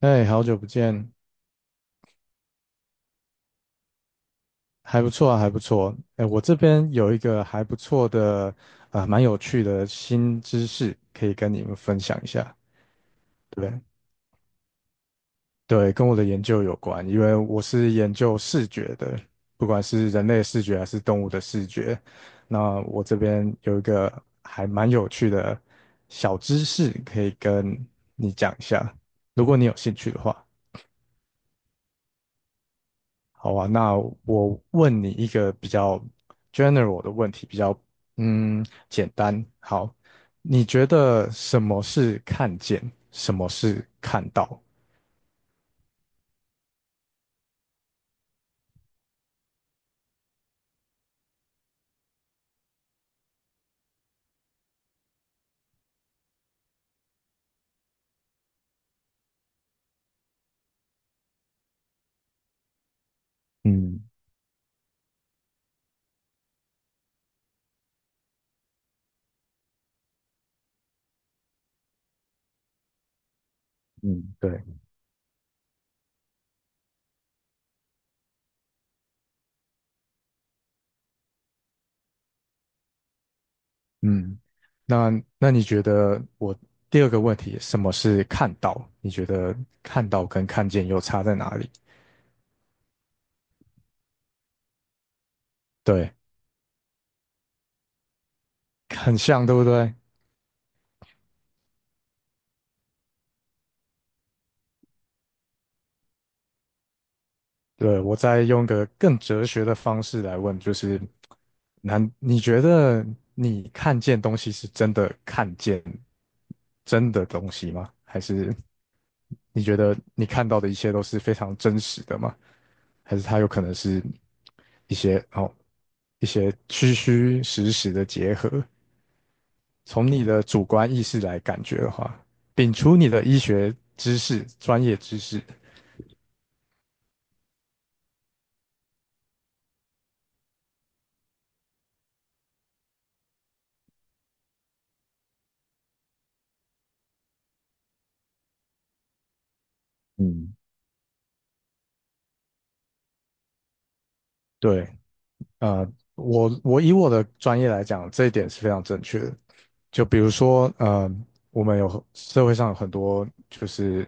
哎，好久不见。还不错啊，还不错。哎，我这边有一个还不错的，蛮有趣的新知识，可以跟你们分享一下。对，对，跟我的研究有关，因为我是研究视觉的，不管是人类的视觉还是动物的视觉。那我这边有一个还蛮有趣的小知识，可以跟你讲一下，如果你有兴趣的话。好啊，那我问你一个比较 general 的问题，比较简单。好，你觉得什么是看见，什么是看到？嗯嗯，对，嗯。那那你觉得我第二个问题，什么是看到？你觉得看到跟看见又差在哪里？对，很像，对不对？对，我再用个更哲学的方式来问，就是，难？你觉得你看见东西是真的看见真的东西吗？还是你觉得你看到的一切都是非常真实的吗？还是它有可能是一些哦一些虚虚实实的结合？从你的主观意识来感觉的话，摒除你的医学知识、专业知识。嗯，对，呃，我以我的专业来讲，这一点是非常正确的。就比如说，我们有社会上有很多就是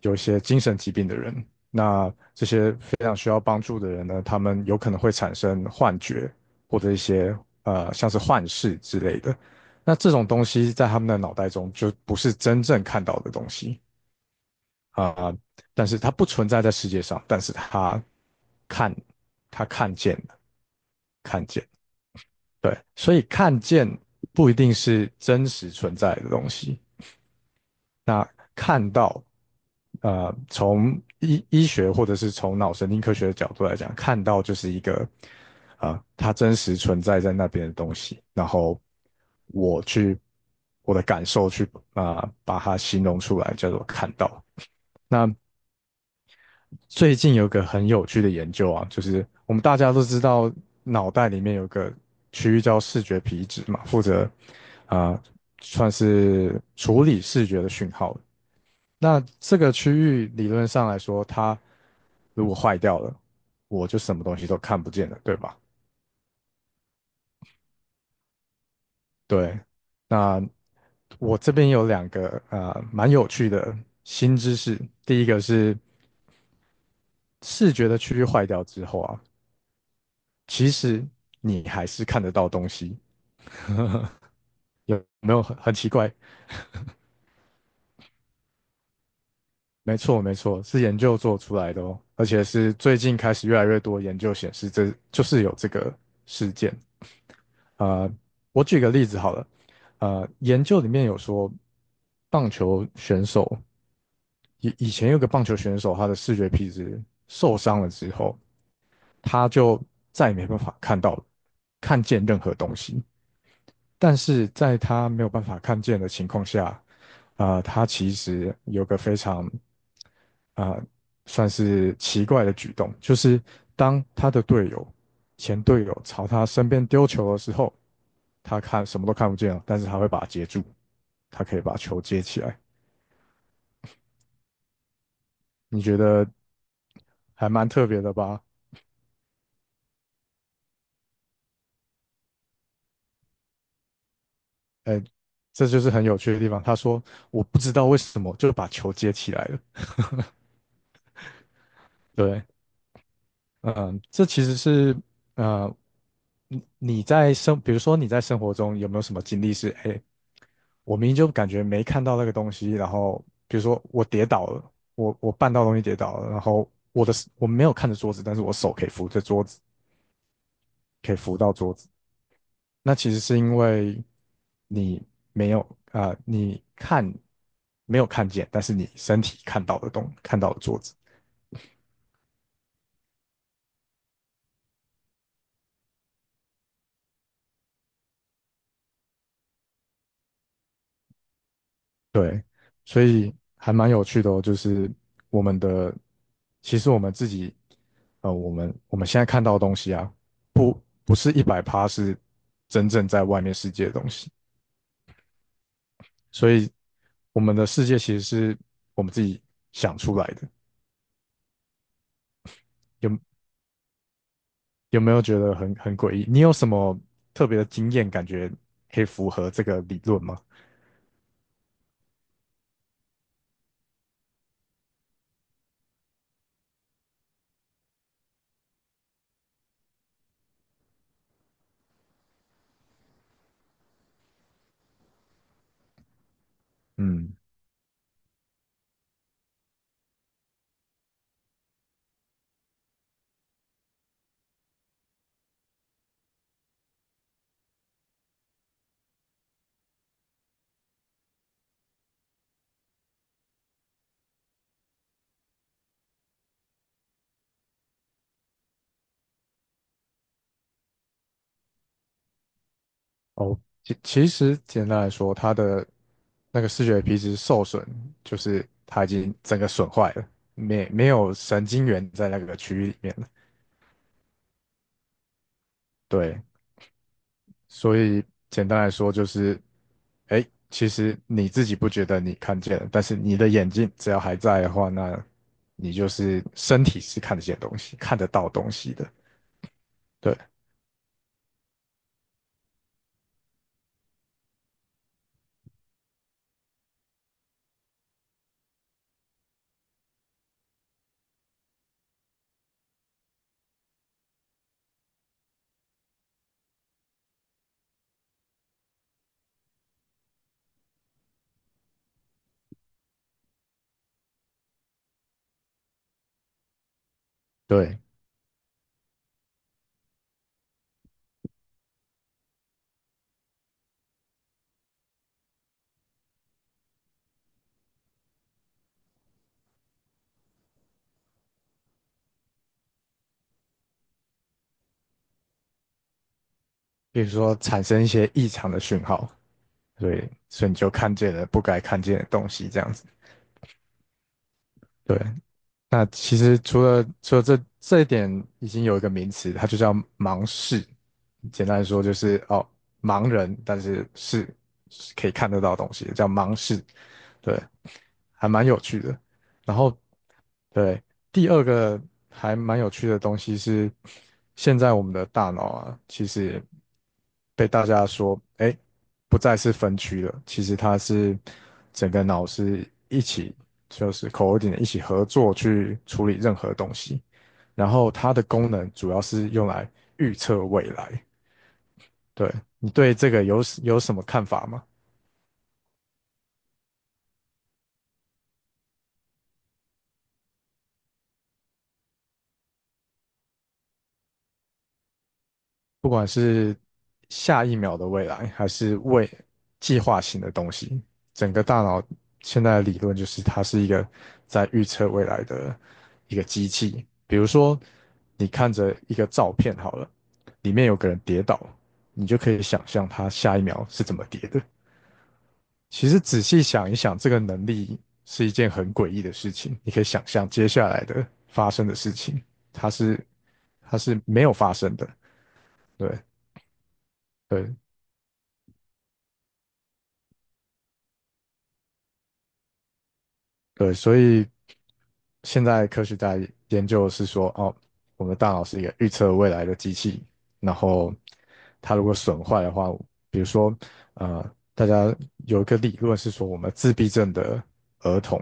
有一些精神疾病的人，那这些非常需要帮助的人呢，他们有可能会产生幻觉或者一些像是幻视之类的。那这种东西在他们的脑袋中就不是真正看到的东西啊，但是它不存在在世界上，但是看，他看见了，看见。对，所以看见不一定是真实存在的东西。那看到，从医学或者是从脑神经科学的角度来讲，看到就是一个，它真实存在在那边的东西。然后我去我的感受去把它形容出来，叫做看到。最近有个很有趣的研究啊，就是我们大家都知道，脑袋里面有个区域叫视觉皮质嘛，负责啊、呃算是处理视觉的讯号。那这个区域理论上来说，它如果坏掉了，我就什么东西都看不见了，对吧？对，那我这边有两个啊，蛮有趣的新知识。第一个是视觉的区域坏掉之后啊，其实你还是看得到东西，有没有很奇怪？没错，没错，是研究做出来的哦，而且是最近开始越来越多研究显示这，就是有这个事件。呃，我举个例子好了，研究里面有说，棒球选手以以前有个棒球选手，他的视觉皮质受伤了之后，他就再也没办法看见任何东西，但是在他没有办法看见的情况下，他其实有个非常啊、呃算是奇怪的举动，就是当他的队友、前队友朝他身边丢球的时候，他看什么都看不见了，但是他会把它接住，他可以把球接起来。你觉得还蛮特别的吧？哎，这就是很有趣的地方。他说："我不知道为什么就把球接起来了。" 对，这其实是呃，你你在生，比如说你在生活中有没有什么经历是，哎，我明明就感觉没看到那个东西，然后比如说我跌倒了，我绊到东西跌倒了，然后我没有看着桌子，但是我手可以扶着桌子，可以扶到桌子，那其实是因为你没有啊、呃你看没有看见，但是你身体看到的桌子。对，所以还蛮有趣的哦，就是我们的，其实我们自己，我们现在看到的东西啊，不是100%是真正在外面世界的东西，所以我们的世界其实是我们自己想出来的。有有没有觉得很诡异？你有什么特别的经验，感觉可以符合这个理论吗？嗯哦，其实简单来说，它的那个视觉皮质受损，就是它已经整个损坏了，没有神经元在那个区域里面了。对，所以简单来说就是，哎，其实你自己不觉得你看见了，但是你的眼睛只要还在的话，那你就是身体是看得见东西，看得到东西的。对对，比如说产生一些异常的讯号，对，所以你就看见了不该看见的东西，这样子。对，那其实除了这一点，已经有一个名词，它就叫盲视。简单来说就是哦，盲人，但是是可以看得到东西的，叫盲视。对，还蛮有趣的。然后对，第二个还蛮有趣的东西是，现在我们的大脑啊，其实被大家说，哎，不再是分区了，其实它是整个脑是一起，就是 c o o r d i n a 一起合作去处理任何东西，然后它的功能主要是用来预测未来。对，你对这个有什么看法吗？不管是下一秒的未来，还是未计划型的东西，整个大脑现在的理论就是它是一个在预测未来的一个机器。比如说，你看着一个照片好了，里面有个人跌倒，你就可以想象他下一秒是怎么跌的。其实仔细想一想，这个能力是一件很诡异的事情。你可以想象接下来的发生的事情，它是它是没有发生的。对对，对，所以现在科学家研究的是说，哦，我们的大脑是一个预测未来的机器，然后它如果损坏的话，比如说，大家有一个理论是说，我们自闭症的儿童，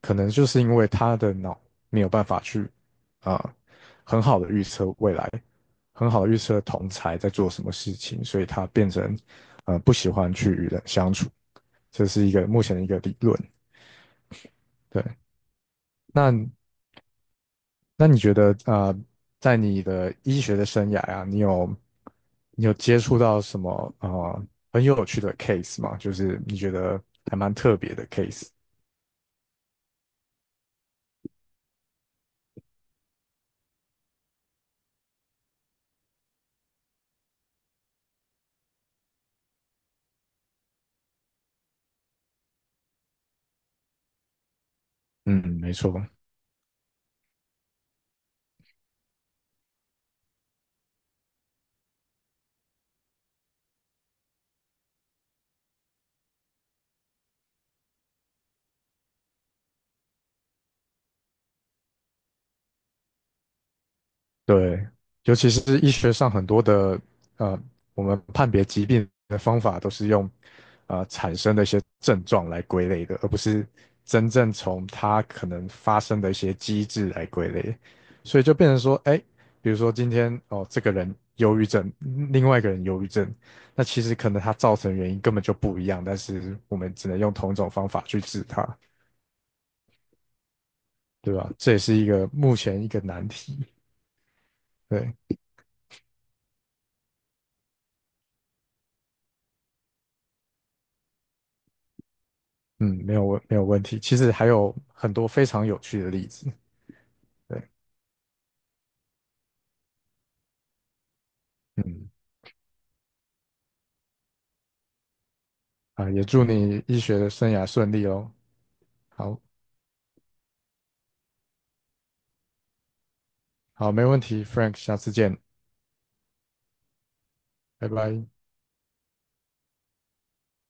可能就是因为他的脑没有办法去，啊、很好的预测未来，很好的预测同才在做什么事情，所以他变成，不喜欢去与人相处，这是一个目前的一个理论。对。那那你觉得在你的医学的生涯啊，你有接触到什么很有趣的 case 吗？就是你觉得还蛮特别的 case。嗯，没错。对，尤其是医学上很多的呃，我们判别疾病的方法都是用产生的一些症状来归类的，而不是真正从它可能发生的一些机制来归类，所以就变成说，哎，比如说今天哦，这个人忧郁症，另外一个人忧郁症，那其实可能他造成的原因根本就不一样，但是我们只能用同一种方法去治它，对吧？这也是一个目前一个难题，对。嗯，没有问题。其实还有很多非常有趣的例子。对，嗯，啊，也祝你医学的生涯顺利哦。好，好，没问题，Frank,下次见，拜拜。